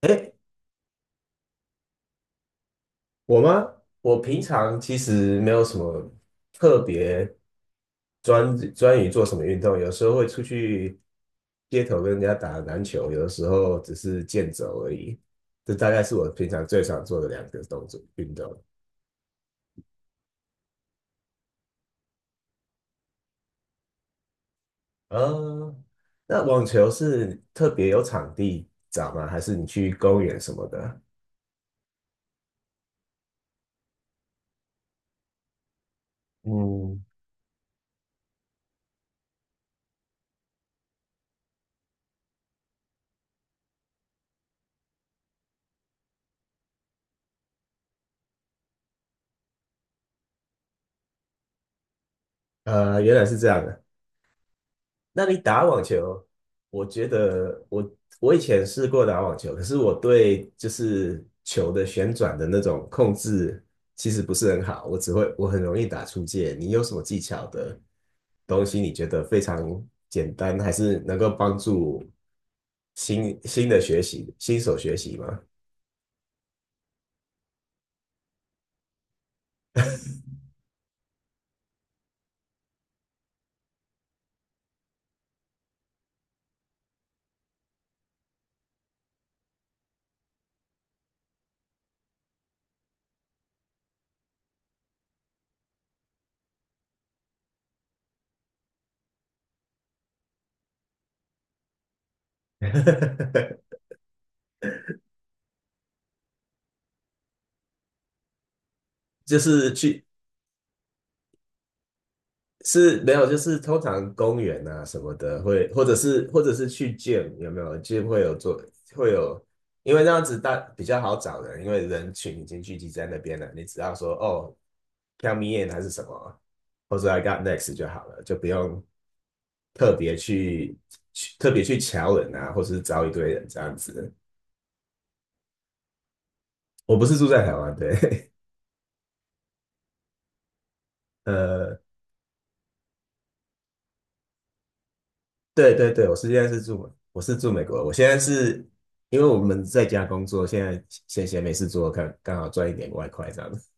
哎，我吗？我平常其实没有什么特别专于做什么运动，有时候会出去街头跟人家打篮球，有的时候只是健走而已。这大概是我平常最常做的两个动作运动。呃，那网球是特别有场地找吗？还是你去公园什么的？嗯，原来是这样的。那你打网球，我觉得我以前试过打网球，可是我对就是球的旋转的那种控制其实不是很好，我只会我很容易打出界。你有什么技巧的东西，你觉得非常简单，还是能够帮助新手学习吗？就是去是没有，就是通常公园啊什么的会，或者是去 g 有没有 g y 会有做会有，因为那样子大比较好找人，因为人群已经聚集在那边了，你只要说哦，count me in 还是什么，或者 I got next 就好了，就不用特别去特别去瞧人啊，或是招一堆人这样子。我不是住在台湾，对，呃，对对对，我是现在是住美，我是住美国。我现在是因为我们在家工作，现在闲闲没事做，看刚好赚一点外快这样子。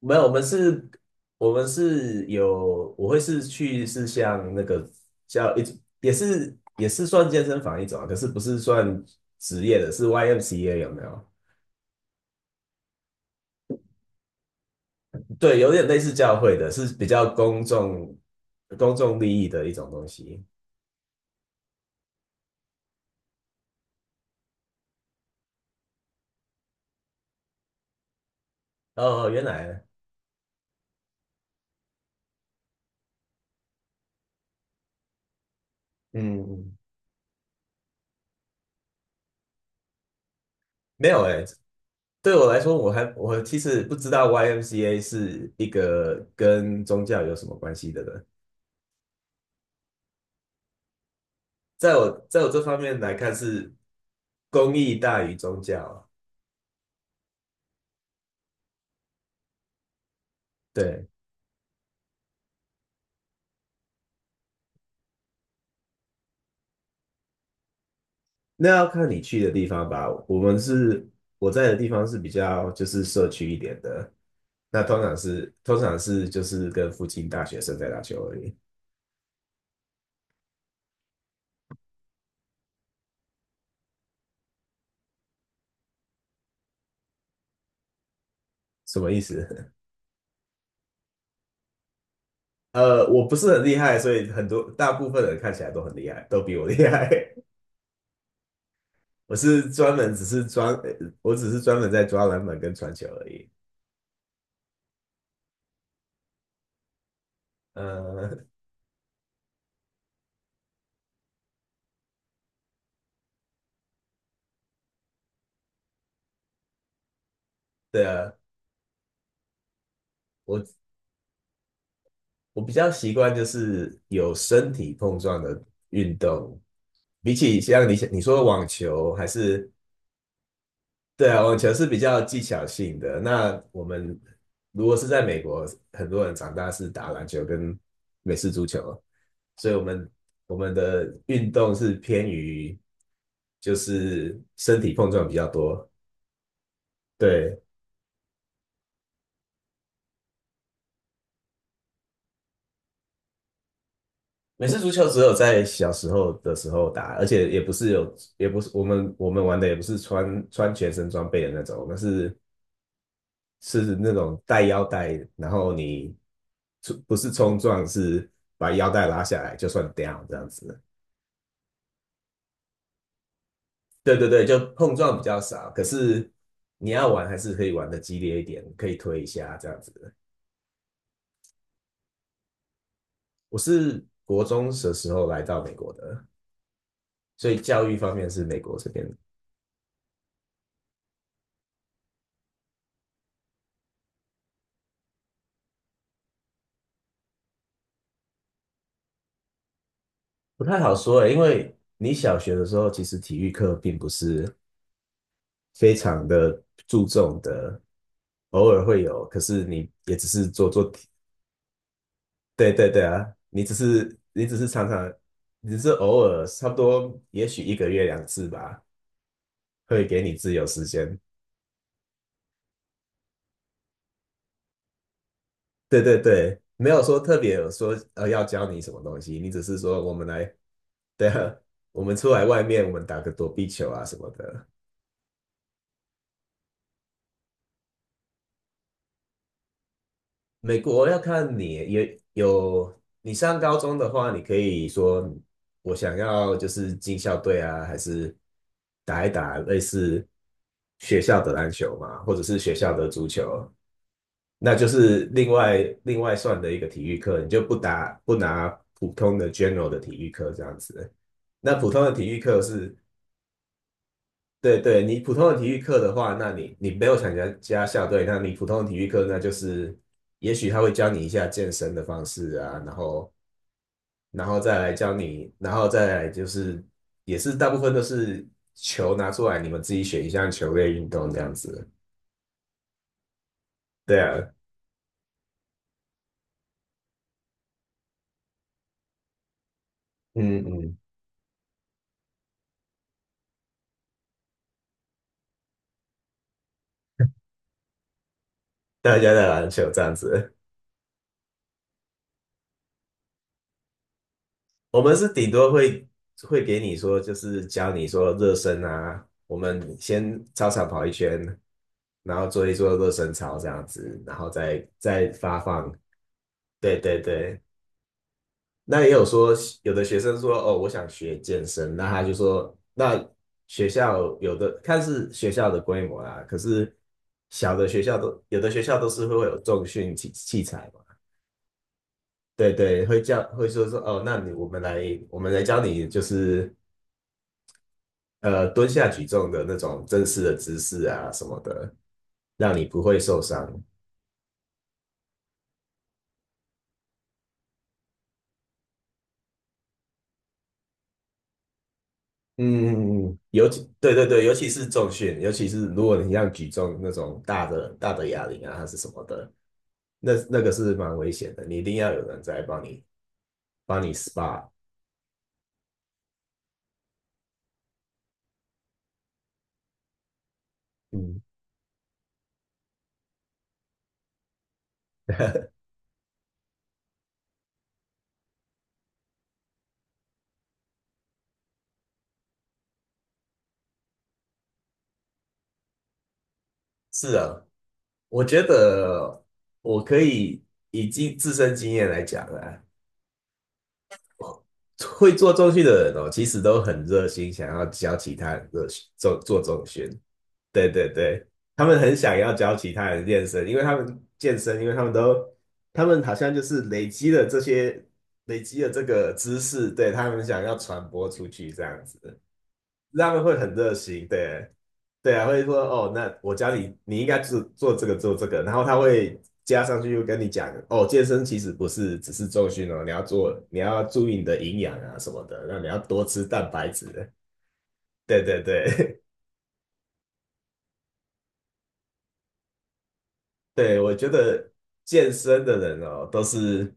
没有，我们是有，我会是像那个叫一也是算健身房一种啊，可是不是算职业的，是 YMCA 有没有？对，有点类似教会的，是比较公众利益的一种东西。哦，哦原来，嗯，嗯没有哎、对我来说，我其实不知道 YMCA 是一个跟宗教有什么关系的呢？在我这方面来看，是公益大于宗教啊。对，那要看你去的地方吧。我们是我在的地方是比较就是社区一点的，那通常是就是跟附近大学生在打球而已。什么意思？我不是很厉害，所以很多大部分人看起来都很厉害，都比我厉害。我是专门只是专，呃我只是专门在抓篮板跟传球而已。嗯，对啊，我我比较习惯就是有身体碰撞的运动，比起像你说的网球还是对啊，网球是比较技巧性的。那我们如果是在美国，很多人长大是打篮球跟美式足球，所以我们的运动是偏于就是身体碰撞比较多。对，美式足球只有在小时候的时候打，而且也不是有，也不是我们玩的也不是穿全身装备的那种，我们是是那种带腰带，然后你不是冲撞，是把腰带拉下来就算 down 这样子。对对对，就碰撞比较少，可是你要玩还是可以玩的激烈一点，可以推一下这样子。我是国中的时候来到美国的，所以教育方面是美国这边不太好说诶，因为你小学的时候，其实体育课并不是非常的注重的，偶尔会有，可是你也只是做做体，对对对啊，你只是常常，你只是偶尔，差不多也许一个月2次吧，会给你自由时间。对对对，没有说特别有说要教你什么东西，你只是说我们来，对啊，我们出来外面，我们打个躲避球啊什么的。美国要看你也有，你上高中的话，你可以说我想要就是进校队啊，还是打一打类似学校的篮球嘛，或者是学校的足球，那就是另外算的一个体育课，你就不拿普通的 general 的体育课这样子。那普通的体育课是对对，你普通的体育课的话，那你没有参加校队，那你普通的体育课那就是，也许他会教你一下健身的方式啊，然后再来教你，然后再来就是也是大部分都是球拿出来，你们自己选一项球类运动这样子。对啊，嗯嗯，大家在篮球这样子。我们是顶多会给你说，就是教你说热身啊，我们先操场跑一圈，然后做一做热身操这样子，然后再发放。对对对，那也有说有的学生说哦，我想学健身，那他就说那学校有的看是学校的规模啦，可是小的学校都有的学校都是会有重训器材嘛。对对，会说哦，我们来教你，就是蹲下举重的那种正式的姿势啊什么的，让你不会受伤。嗯嗯嗯尤其对对对，尤其是重训，尤其是如果你像举重那种大的哑铃啊，还是什么的，那个是蛮危险的，你一定要有人在帮你 SPA。嗯，是啊，我觉得我可以以经自身经验来讲啊，会做重训的人哦，其实都很热心，想要教其他人做做重训。对对对，他们很想要教其他人健身，因为他们都，他们好像就是累积了这个知识，对，他们想要传播出去这样子，他们会很热心，对，对啊，会说哦，那我教你，你应该做做这个，然后他会加上去又跟你讲，哦，健身其实不是只是重训哦，你要做，你要注意你的营养啊什么的，那你要多吃蛋白质，对对对，对，我觉得健身的人哦，都是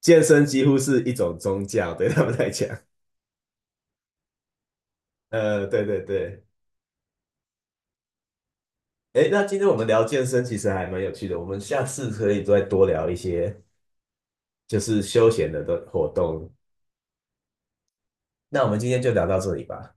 健身几乎是一种宗教，对他们来讲。对对对。诶，那今天我们聊健身其实还蛮有趣的，我们下次可以再多聊一些就是休闲的活动。那我们今天就聊到这里吧。